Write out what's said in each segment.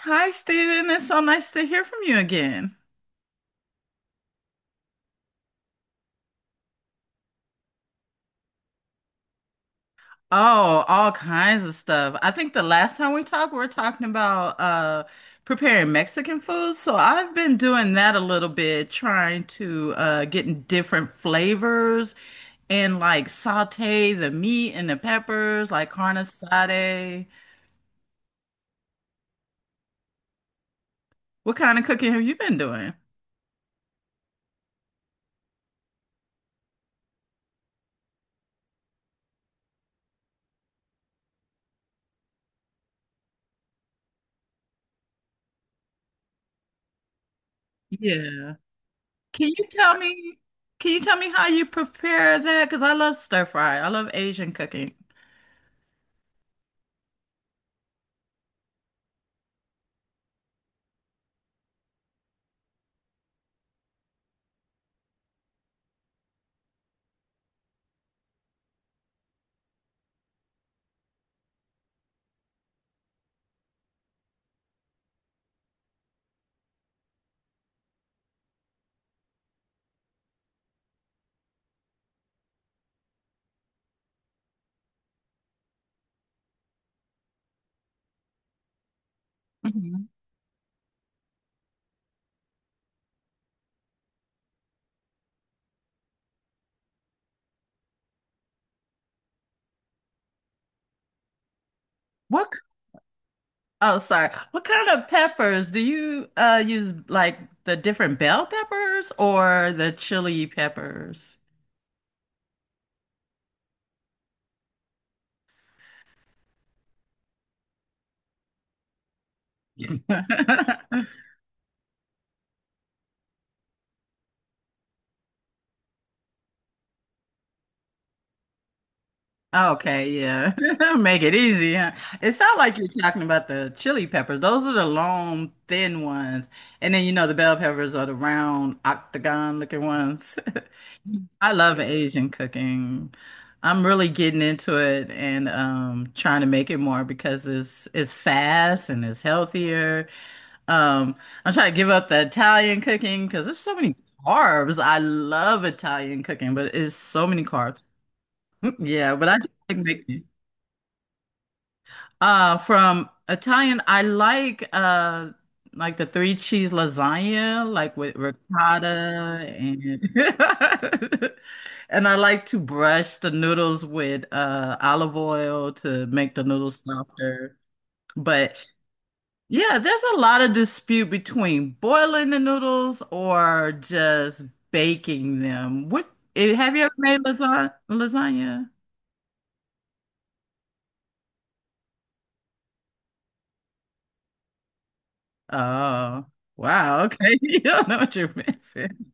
Hi, Steven. It's so nice to hear from you again. Oh, all kinds of stuff. I think the last time we talked, we were talking about preparing Mexican food. So I've been doing that a little bit, trying to getting different flavors, and like saute the meat and the peppers, like carne asada. What kind of cooking have you been doing? Yeah. Can you tell me, can you tell me how you prepare that? Because I love stir fry. I love Asian cooking. Mhm. What Oh, sorry. What kind of peppers do you use, like the different bell peppers or the chili peppers? Okay, yeah. Make it easy, huh? It sounds like you're talking about the chili peppers. Those are the long, thin ones. And then you know the bell peppers are the round, octagon looking ones. I love Asian cooking. I'm really getting into it, and trying to make it more because it's fast and it's healthier. Um, I'm trying to give up the Italian cooking because there's so many carbs. I love Italian cooking, but it's so many carbs. Yeah, but I do like making. From Italian, I like the three cheese lasagna, like with ricotta, and and I like to brush the noodles with olive oil to make the noodles softer. But yeah, there's a lot of dispute between boiling the noodles or just baking them. Have you ever made lasagna? Lasagna? Oh, wow. Okay, you don't know what you're missing.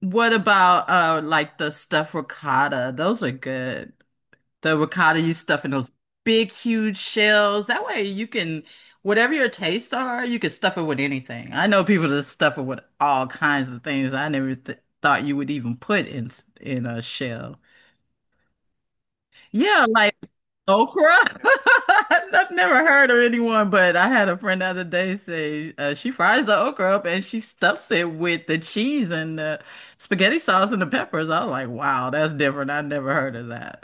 What about like the stuffed ricotta? Those are good. The ricotta you stuff in those big, huge shells. That way you can, whatever your tastes are, you can stuff it with anything. I know people that stuff it with all kinds of things I never th thought you would even put in a shell. Yeah, like okra. I've never heard of anyone, but I had a friend the other day say, she fries the okra up and she stuffs it with the cheese and the spaghetti sauce and the peppers. I was like, wow, that's different. I never heard of that.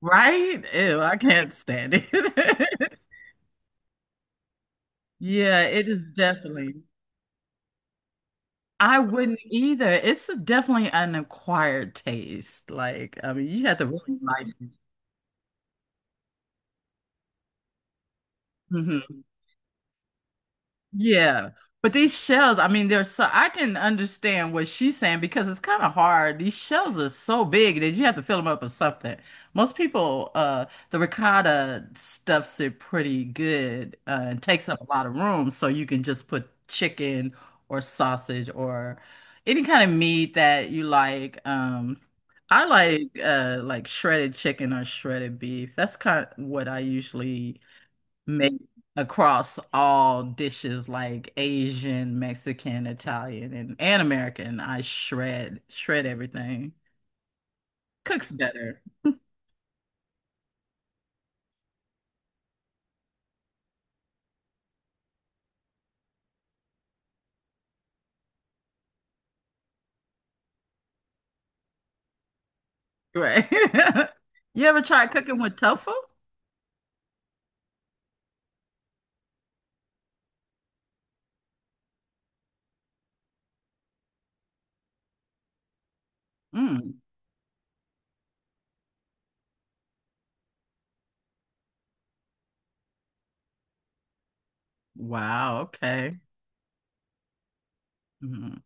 Right? Ew, I can't stand it. Yeah, it is definitely. I wouldn't either. It's definitely an acquired taste. Like, I mean, you have to really like it. Mm-hmm. Yeah. But these shells, I mean, they're so I can understand what she's saying because it's kind of hard. These shells are so big that you have to fill them up with something. Most people, the ricotta stuffs it pretty good, and takes up a lot of room, so you can just put chicken or sausage or any kind of meat that you like. I like shredded chicken or shredded beef. That's kind of what I usually made across all dishes like Asian, Mexican, Italian, and, American. I shred everything. Cooks better. Right. You ever tried cooking with tofu? Mm. Wow, okay. Mm.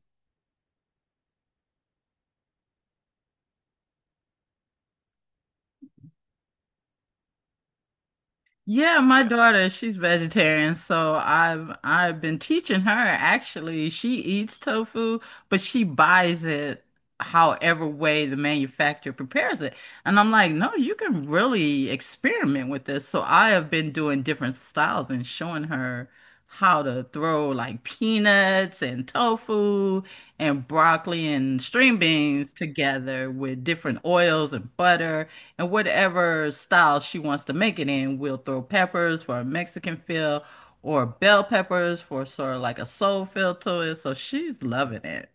Yeah, my daughter, she's vegetarian, so I've been teaching her actually. She eats tofu, but she buys it however way the manufacturer prepares it. And I'm like, "No, you can really experiment with this." So I have been doing different styles and showing her how to throw like peanuts and tofu and broccoli and string beans together with different oils and butter. And whatever style she wants to make it in, we'll throw peppers for a Mexican feel or bell peppers for sort of like a soul feel to it. So she's loving it.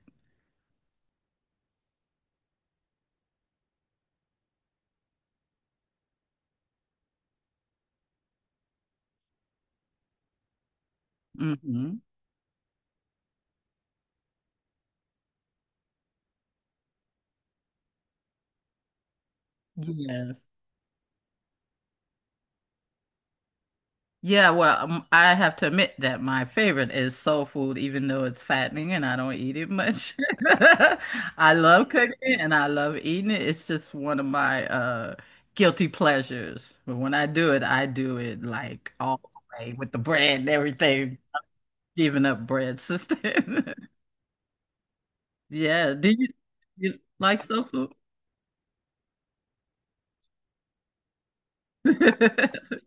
Hmm. Yes. Yeah, well, I have to admit that my favorite is soul food, even though it's fattening and I don't eat it much. I love cooking it and I love eating it. It's just one of my guilty pleasures. But when I do it like all the way with the bread and everything. Giving up bread, sister. Yeah. You like soul food?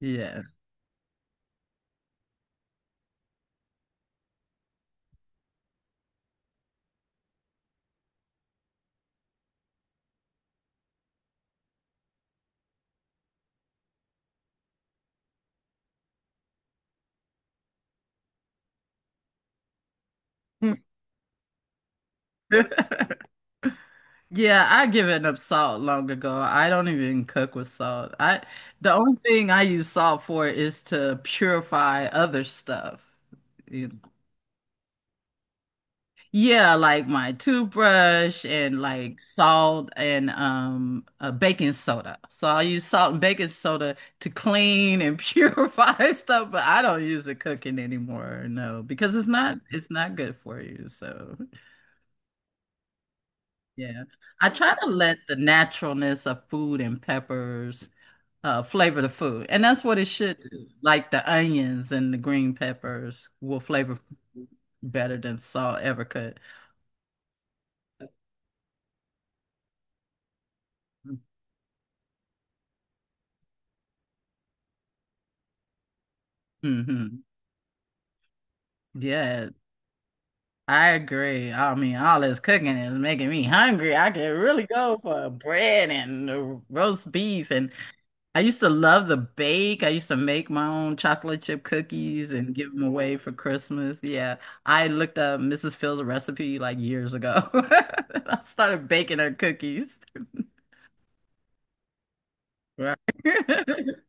Yeah. Yeah, I given up salt long ago. I don't even cook with salt. I The only thing I use salt for is to purify other stuff. You Yeah, like my toothbrush and like salt and baking soda. So I use salt and baking soda to clean and purify stuff, but I don't use it cooking anymore, no, because it's not good for you. So yeah, I try to let the naturalness of food and peppers flavor the food, and that's what it should do. Like the onions and the green peppers will flavor food better than salt ever could. Hmm. Yes. I agree. I mean, all this cooking is making me hungry. I could really go for bread and, roast beef. And I used to love the bake. I used to make my own chocolate chip cookies and give them away for Christmas. Yeah. I looked up Mrs. Phil's recipe like years ago. And I started baking her cookies. Right.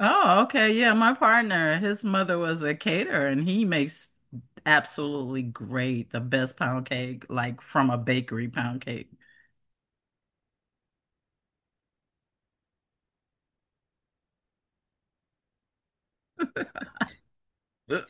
Oh, okay. Yeah, my partner, his mother was a caterer, and he makes absolutely great, the best pound cake, like from a bakery pound. You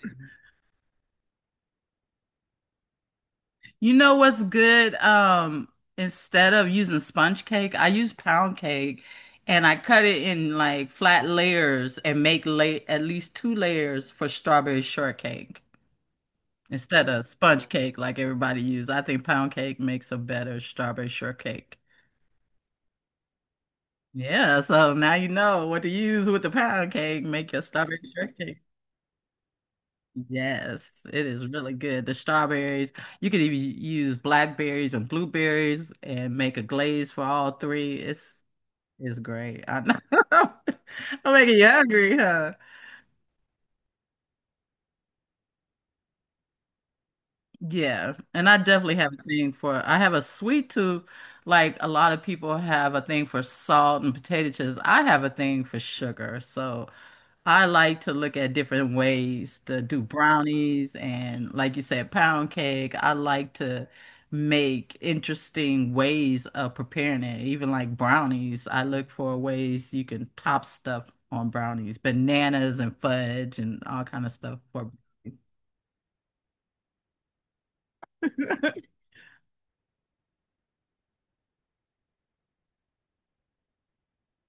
know what's good? Instead of using sponge cake, I use pound cake, and I cut it in like flat layers and make la at least two layers for strawberry shortcake instead of sponge cake like everybody use. I think pound cake makes a better strawberry shortcake. Yeah, so now you know what to use with the pound cake. Make your strawberry shortcake. Yes, it is really good. The strawberries, you could even use blackberries and blueberries and make a glaze for all three. It's great. I know. I'm making you hungry, huh? Yeah, and I definitely have a thing for I have a sweet tooth. Like a lot of people have a thing for salt and potato chips. I have a thing for sugar. So I like to look at different ways to do brownies and, like you said, pound cake. I like to make interesting ways of preparing it. Even like brownies, I look for ways you can top stuff on brownies, bananas and fudge and all kind of stuff for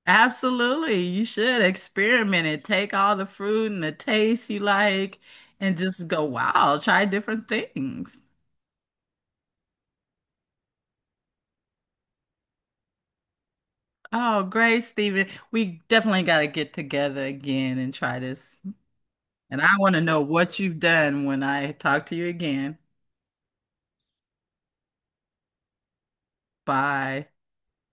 absolutely. You should experiment it. Take all the fruit and the taste you like and just go, wow, try different things. Oh, great, Stephen. We definitely got to get together again and try this. And I want to know what you've done when I talk to you again. Bye.